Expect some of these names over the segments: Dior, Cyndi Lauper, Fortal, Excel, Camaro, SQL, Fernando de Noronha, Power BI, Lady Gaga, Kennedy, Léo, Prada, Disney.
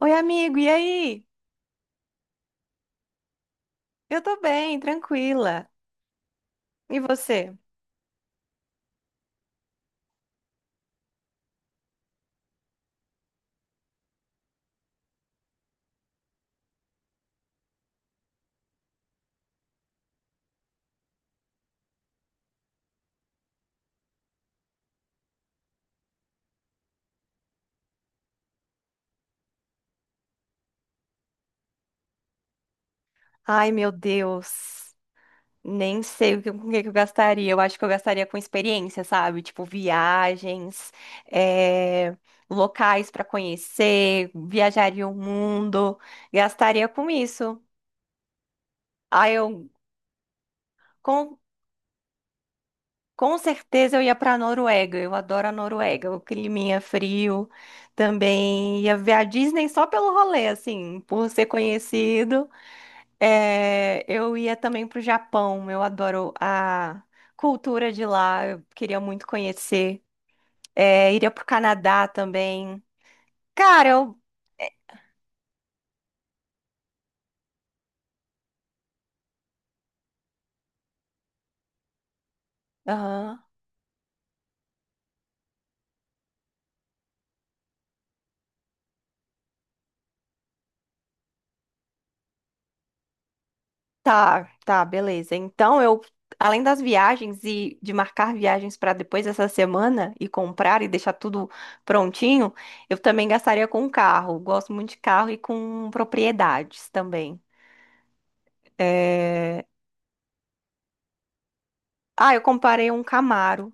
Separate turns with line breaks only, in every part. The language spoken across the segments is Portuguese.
Oi, amigo, e aí? Eu tô bem, tranquila. E você? Ai, meu Deus. Nem sei com o que que eu gastaria. Eu acho que eu gastaria com experiência, sabe? Tipo, viagens, eh, locais pra conhecer, viajaria o mundo, gastaria com isso. Ai, eu com, com certeza eu ia pra Noruega. Eu adoro a Noruega, o climinha frio. Também ia ver a Disney só pelo rolê, assim, por ser conhecido. É, eu ia também para o Japão, eu adoro a cultura de lá, eu queria muito conhecer. É, iria para o Canadá também. Cara, eu. Aham. Tá, tá, beleza. Então, eu, além das viagens e de marcar viagens para depois dessa semana e comprar e deixar tudo prontinho, eu também gastaria com carro. Gosto muito de carro e com propriedades também. É, Ah, eu comparei um Camaro.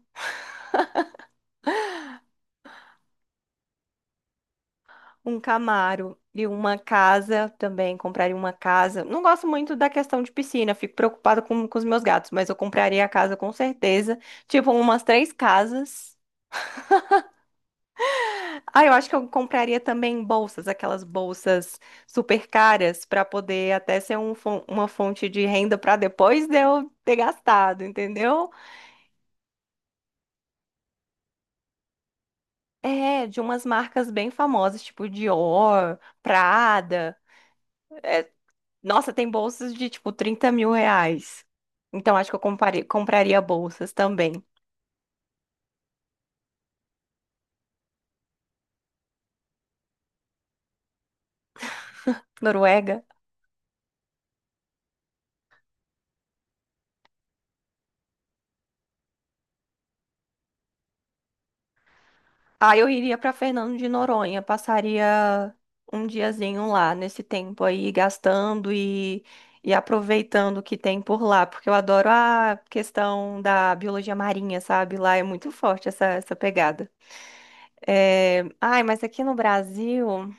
Um Camaro e uma casa também, compraria uma casa. Não gosto muito da questão de piscina, fico preocupada com os meus gatos, mas eu compraria a casa com certeza. Tipo, umas três casas. Ah, eu acho que eu compraria também bolsas, aquelas bolsas super caras, para poder até ser uma fonte de renda para depois de eu ter gastado, entendeu? É, de umas marcas bem famosas, tipo Dior, Prada. É, Nossa, tem bolsas de tipo 30 mil reais. Então acho que eu compraria bolsas também. Noruega. Aí eu iria pra Fernando de Noronha, passaria um diazinho lá nesse tempo aí, gastando e aproveitando o que tem por lá, porque eu adoro a questão da biologia marinha, sabe? Lá é muito forte essa pegada. Ai, mas aqui no Brasil.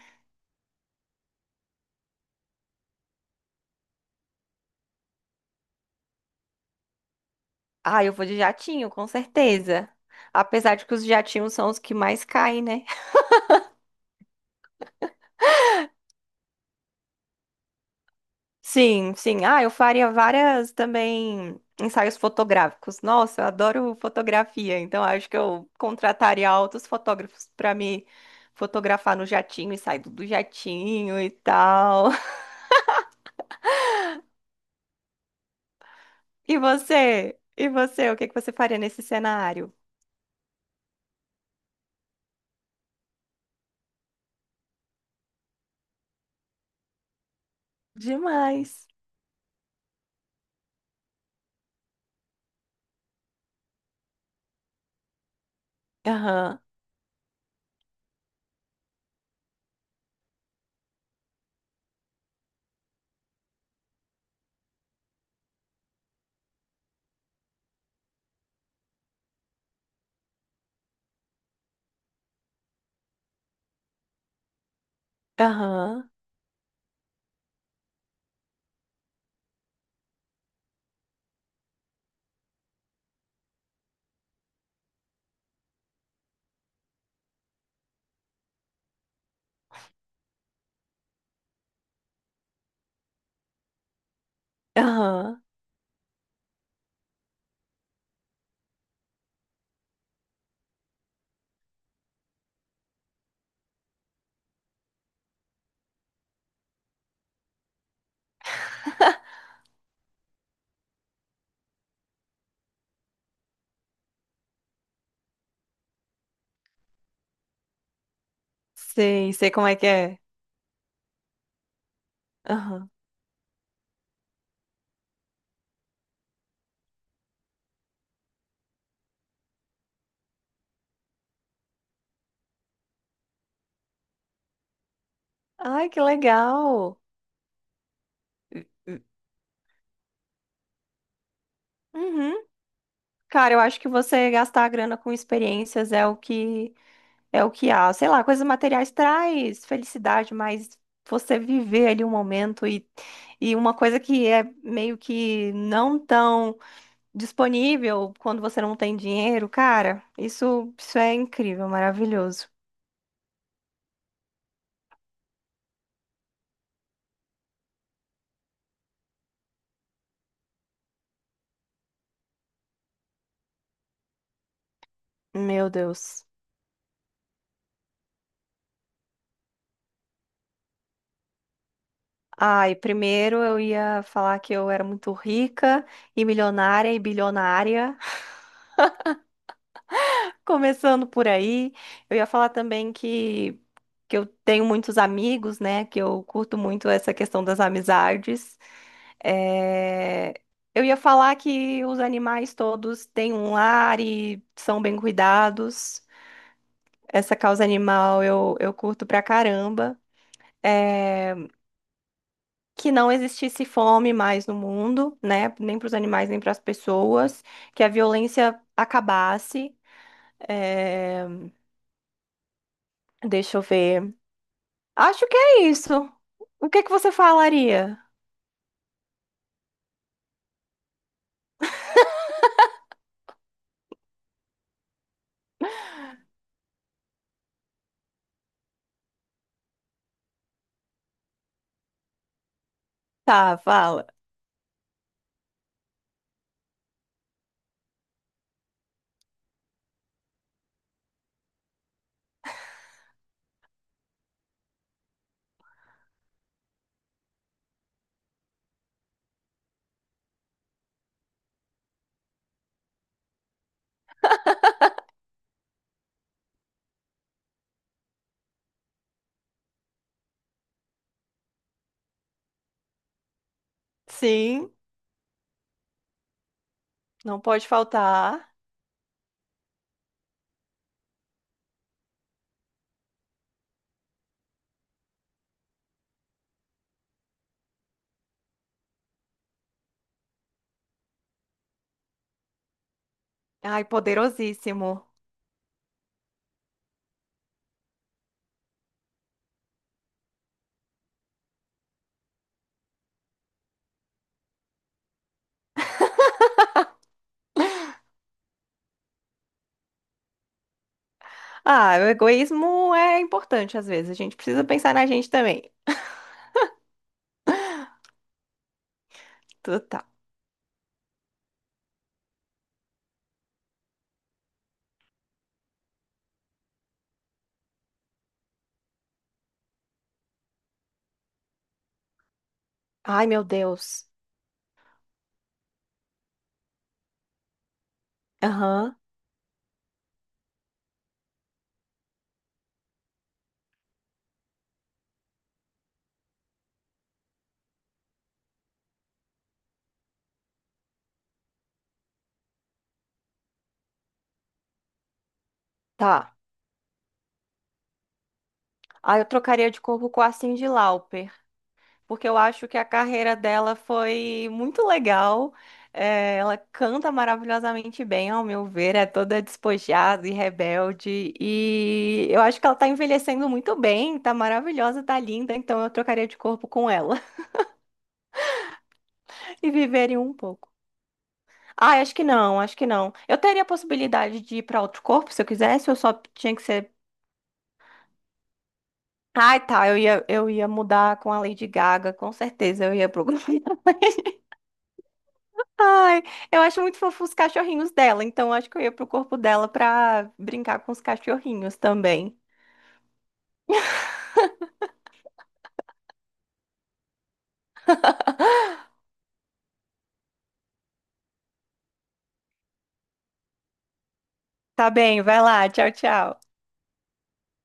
Ah, eu vou de jatinho, com certeza. Apesar de que os jatinhos são os que mais caem, né? Sim, sim. Ah, eu faria várias também ensaios fotográficos. Nossa, eu adoro fotografia, então acho que eu contrataria altos fotógrafos para me fotografar no jatinho e sair do jatinho e tal. E você? E você? O que que você faria nesse cenário? Demais. Aham, aham, aham. Sei, sei como é que é. Aham. Ai, que legal. Uhum. Cara, eu acho que você gastar a grana com experiências é o que é o que há, sei lá, coisas materiais traz felicidade, mas você viver ali um momento e uma coisa que é meio que não tão disponível quando você não tem dinheiro, cara, isso é incrível, maravilhoso. Meu Deus. Ai, primeiro eu ia falar que eu era muito rica e milionária e bilionária, começando por aí. Eu ia falar também que eu tenho muitos amigos, né? Que eu curto muito essa questão das amizades. É, Eu ia falar que os animais todos têm um lar e são bem cuidados. Essa causa animal eu curto pra caramba. É, Que não existisse fome mais no mundo, né? Nem para os animais, nem para as pessoas. Que a violência acabasse. É, Deixa eu ver. Acho que é isso. O que que você falaria? Tá, fala. Sim, não pode faltar. Ai, poderosíssimo. Ah, o egoísmo é importante às vezes. A gente precisa pensar na gente também. Tudo tá. Ai, meu Deus. Aham, tá. Ah, eu trocaria de corpo com a Cyndi Lauper, porque eu acho que a carreira dela foi muito legal. É, ela canta maravilhosamente bem, ao meu ver, é toda despojada e rebelde. E eu acho que ela tá envelhecendo muito bem, tá maravilhosa, tá linda, então eu trocaria de corpo com ela. E viveriam um pouco. Ah, acho que não, acho que não. Eu teria a possibilidade de ir para outro corpo se eu quisesse, eu só tinha que ser. Ai, tá, eu ia mudar com a Lady Gaga, com certeza eu ia pro grupo dela. Ai, eu acho muito fofo os cachorrinhos dela, então eu acho que eu ia pro corpo dela pra brincar com os cachorrinhos também. Tá bem, vai lá, tchau, tchau.